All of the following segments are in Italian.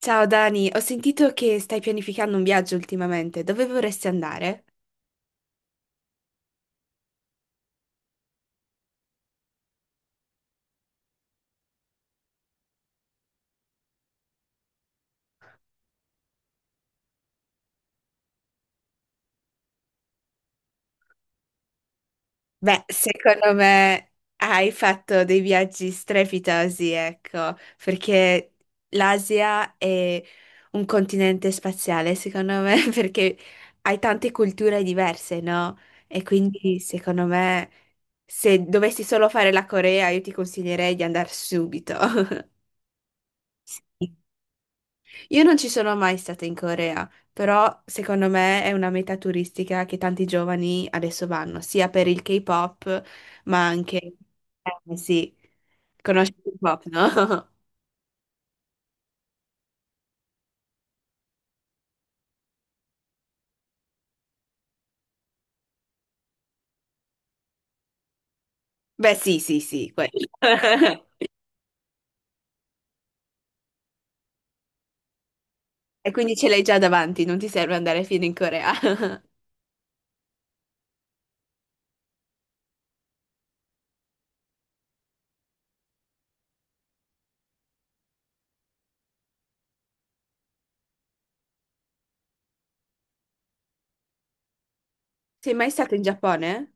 Ciao Dani, ho sentito che stai pianificando un viaggio ultimamente. Dove vorresti andare? Beh, secondo me hai fatto dei viaggi strepitosi, ecco, perché l'Asia è un continente spaziale, secondo me, perché hai tante culture diverse, no? E quindi, secondo me, se dovessi solo fare la Corea, io ti consiglierei di andare subito. Io non ci sono mai stata in Corea, però secondo me è una meta turistica che tanti giovani adesso vanno, sia per il K-pop, ma anche... sì, conosci il K-pop, no? Beh, sì, sì, sì, quello. E quindi ce l'hai già davanti, non ti serve andare fino in Corea. Sei mai stato in Giappone?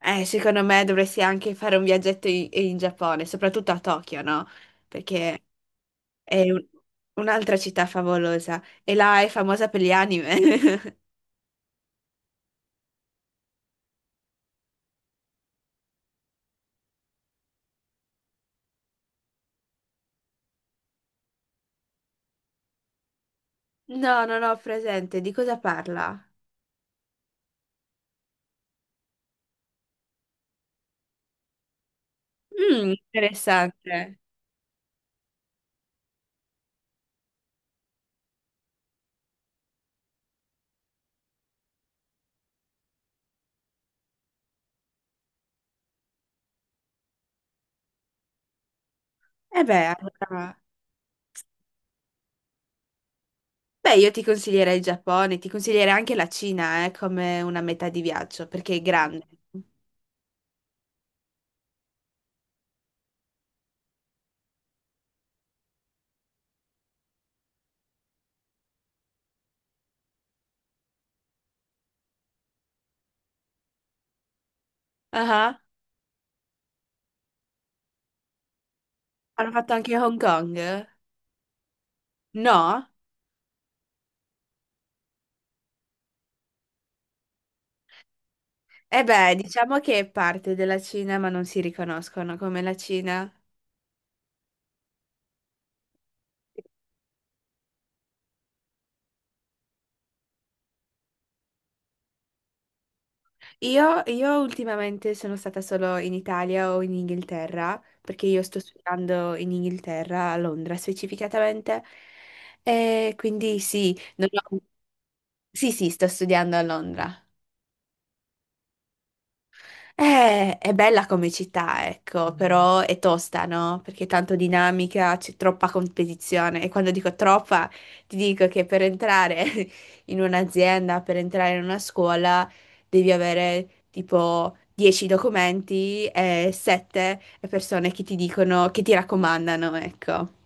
Secondo me dovresti anche fare un viaggetto in Giappone, soprattutto a Tokyo, no? Perché è un'altra città favolosa e là è famosa per gli anime. No, non ho presente. Di cosa parla? Mm, interessante. E beh, allora... Beh, io ti consiglierei il Giappone, ti consiglierei anche la Cina, come una metà di viaggio, perché è grande. Ah, hanno fatto anche Hong Kong? No? E beh, diciamo che è parte della Cina, ma non si riconoscono come la Cina. Io ultimamente sono stata solo in Italia o in Inghilterra, perché io sto studiando in Inghilterra, a Londra specificatamente, e quindi sì, non ho- sì, sì, sto studiando a Londra. È bella come città, ecco. Mm. Però è tosta, no? Perché è tanto dinamica, c'è troppa competizione. E quando dico troppa, ti dico che per entrare in un'azienda, per entrare in una scuola, devi avere tipo 10 documenti e 7 persone che ti dicono, che ti raccomandano, ecco.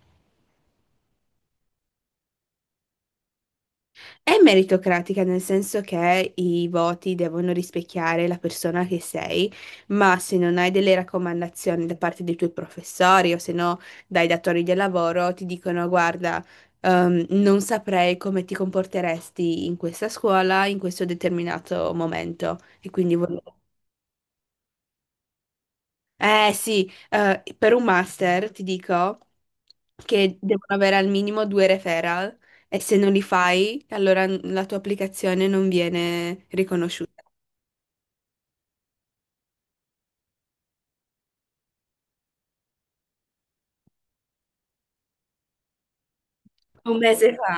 È meritocratica nel senso che i voti devono rispecchiare la persona che sei, ma se non hai delle raccomandazioni da parte dei tuoi professori o se no dai datori di lavoro, ti dicono: guarda, non saprei come ti comporteresti in questa scuola in questo determinato momento. E quindi volevo eh sì, per un master ti dico che devono avere al minimo due referral e se non li fai, allora la tua applicazione non viene riconosciuta. Un mese fa?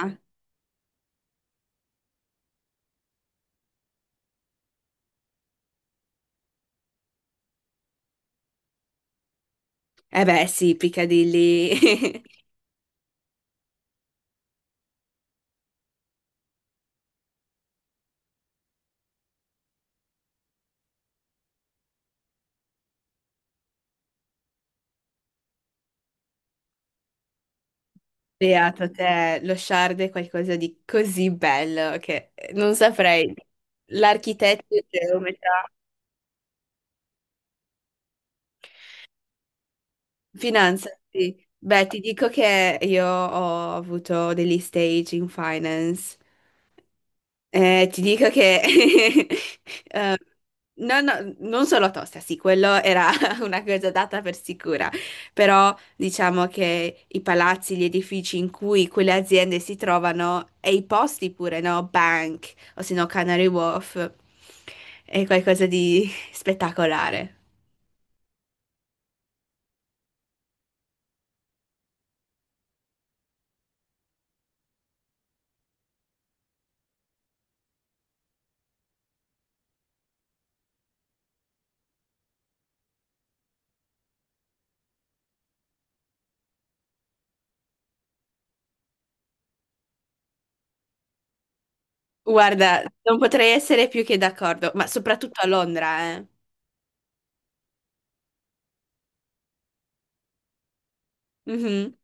Eh beh sì, Piccadilly. Beato te, lo Shard è qualcosa di così bello che non saprei. L'architetto, il geometra, finanza, sì. Beh, ti dico che io ho avuto degli stage in finance. Ti dico che no, no, non solo tosta, sì, quello era una cosa data per sicura, però diciamo che i palazzi, gli edifici in cui quelle aziende si trovano e i posti pure, no? Bank o se no Canary Wharf, è qualcosa di spettacolare. Guarda, non potrei essere più che d'accordo, ma soprattutto a Londra, eh. Mhm.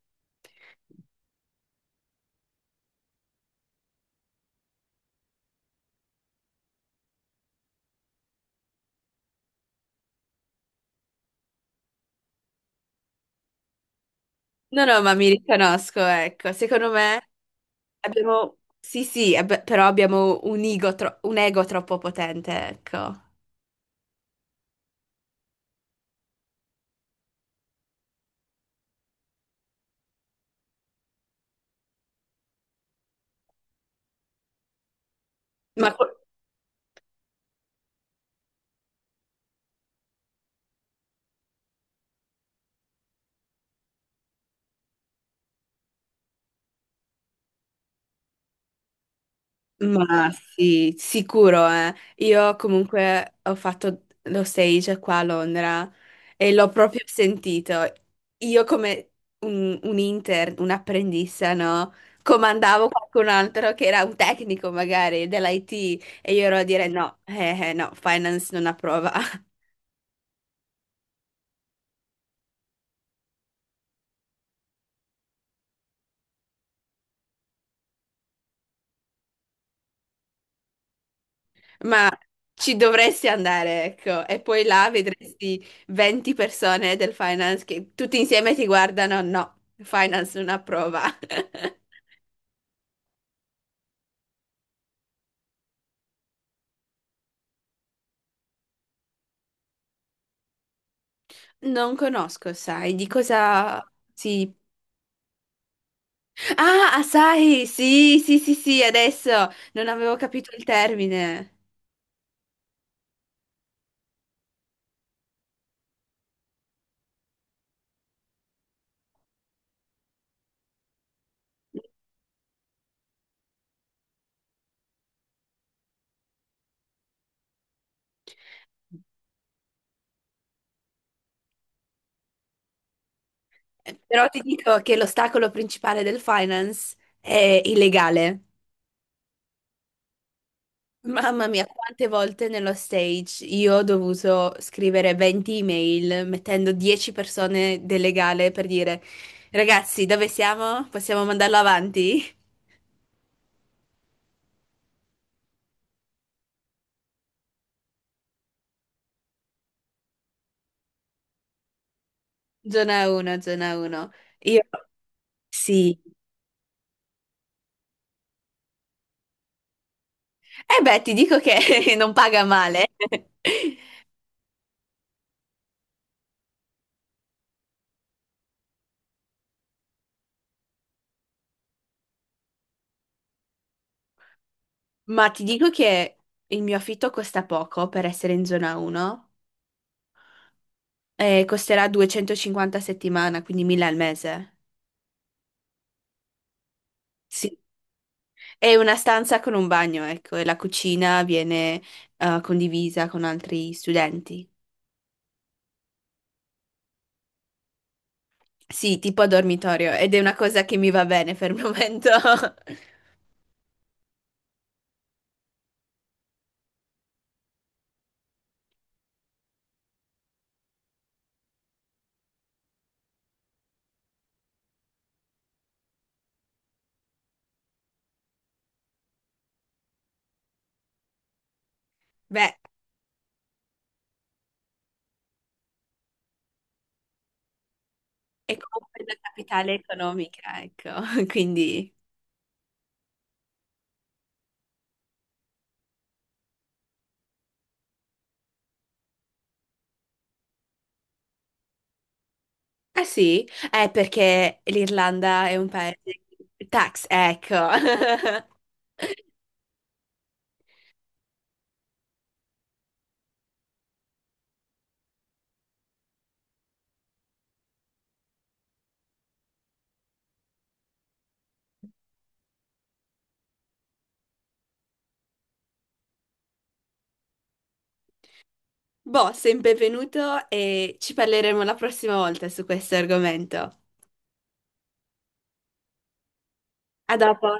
No, no, ma mi riconosco, ecco, secondo me. Abbiamo, sì, sì, però abbiamo un ego, un ego troppo potente, ecco. Ma, co- ma sì, sicuro, eh. Io comunque ho fatto lo stage qua a Londra e l'ho proprio sentito. Io come un intern, un apprendista, no? Comandavo qualcun altro che era un tecnico magari dell'IT e io ero a dire no, no, finance non approva. Ma ci dovresti andare, ecco, e poi là vedresti 20 persone del finance che tutti insieme ti guardano, no, finance non approva. Non conosco, sai, di cosa si... Ah, ah, sai, sì, sì, sì, sì, adesso non avevo capito il termine. Però ti dico che l'ostacolo principale del finance è illegale. Mamma mia, quante volte nello stage io ho dovuto scrivere 20 email mettendo 10 persone del legale per dire ragazzi, dove siamo? Possiamo mandarlo avanti? Zona 1, zona 1. Io sì. E beh, ti dico che non paga male. Ma ti dico che il mio affitto costa poco per essere in zona 1 e costerà 250 a settimana, quindi 1000 al mese. Sì. È una stanza con un bagno, ecco, e la cucina viene condivisa con altri studenti. Sì, tipo a dormitorio, ed è una cosa che mi va bene per il momento. Beh, è comunque la capitale economica, ecco, quindi... Ah sì? È perché l'Irlanda è un paese... Tax, ecco. Boh, sei benvenuto e ci parleremo la prossima volta su questo argomento. A dopo.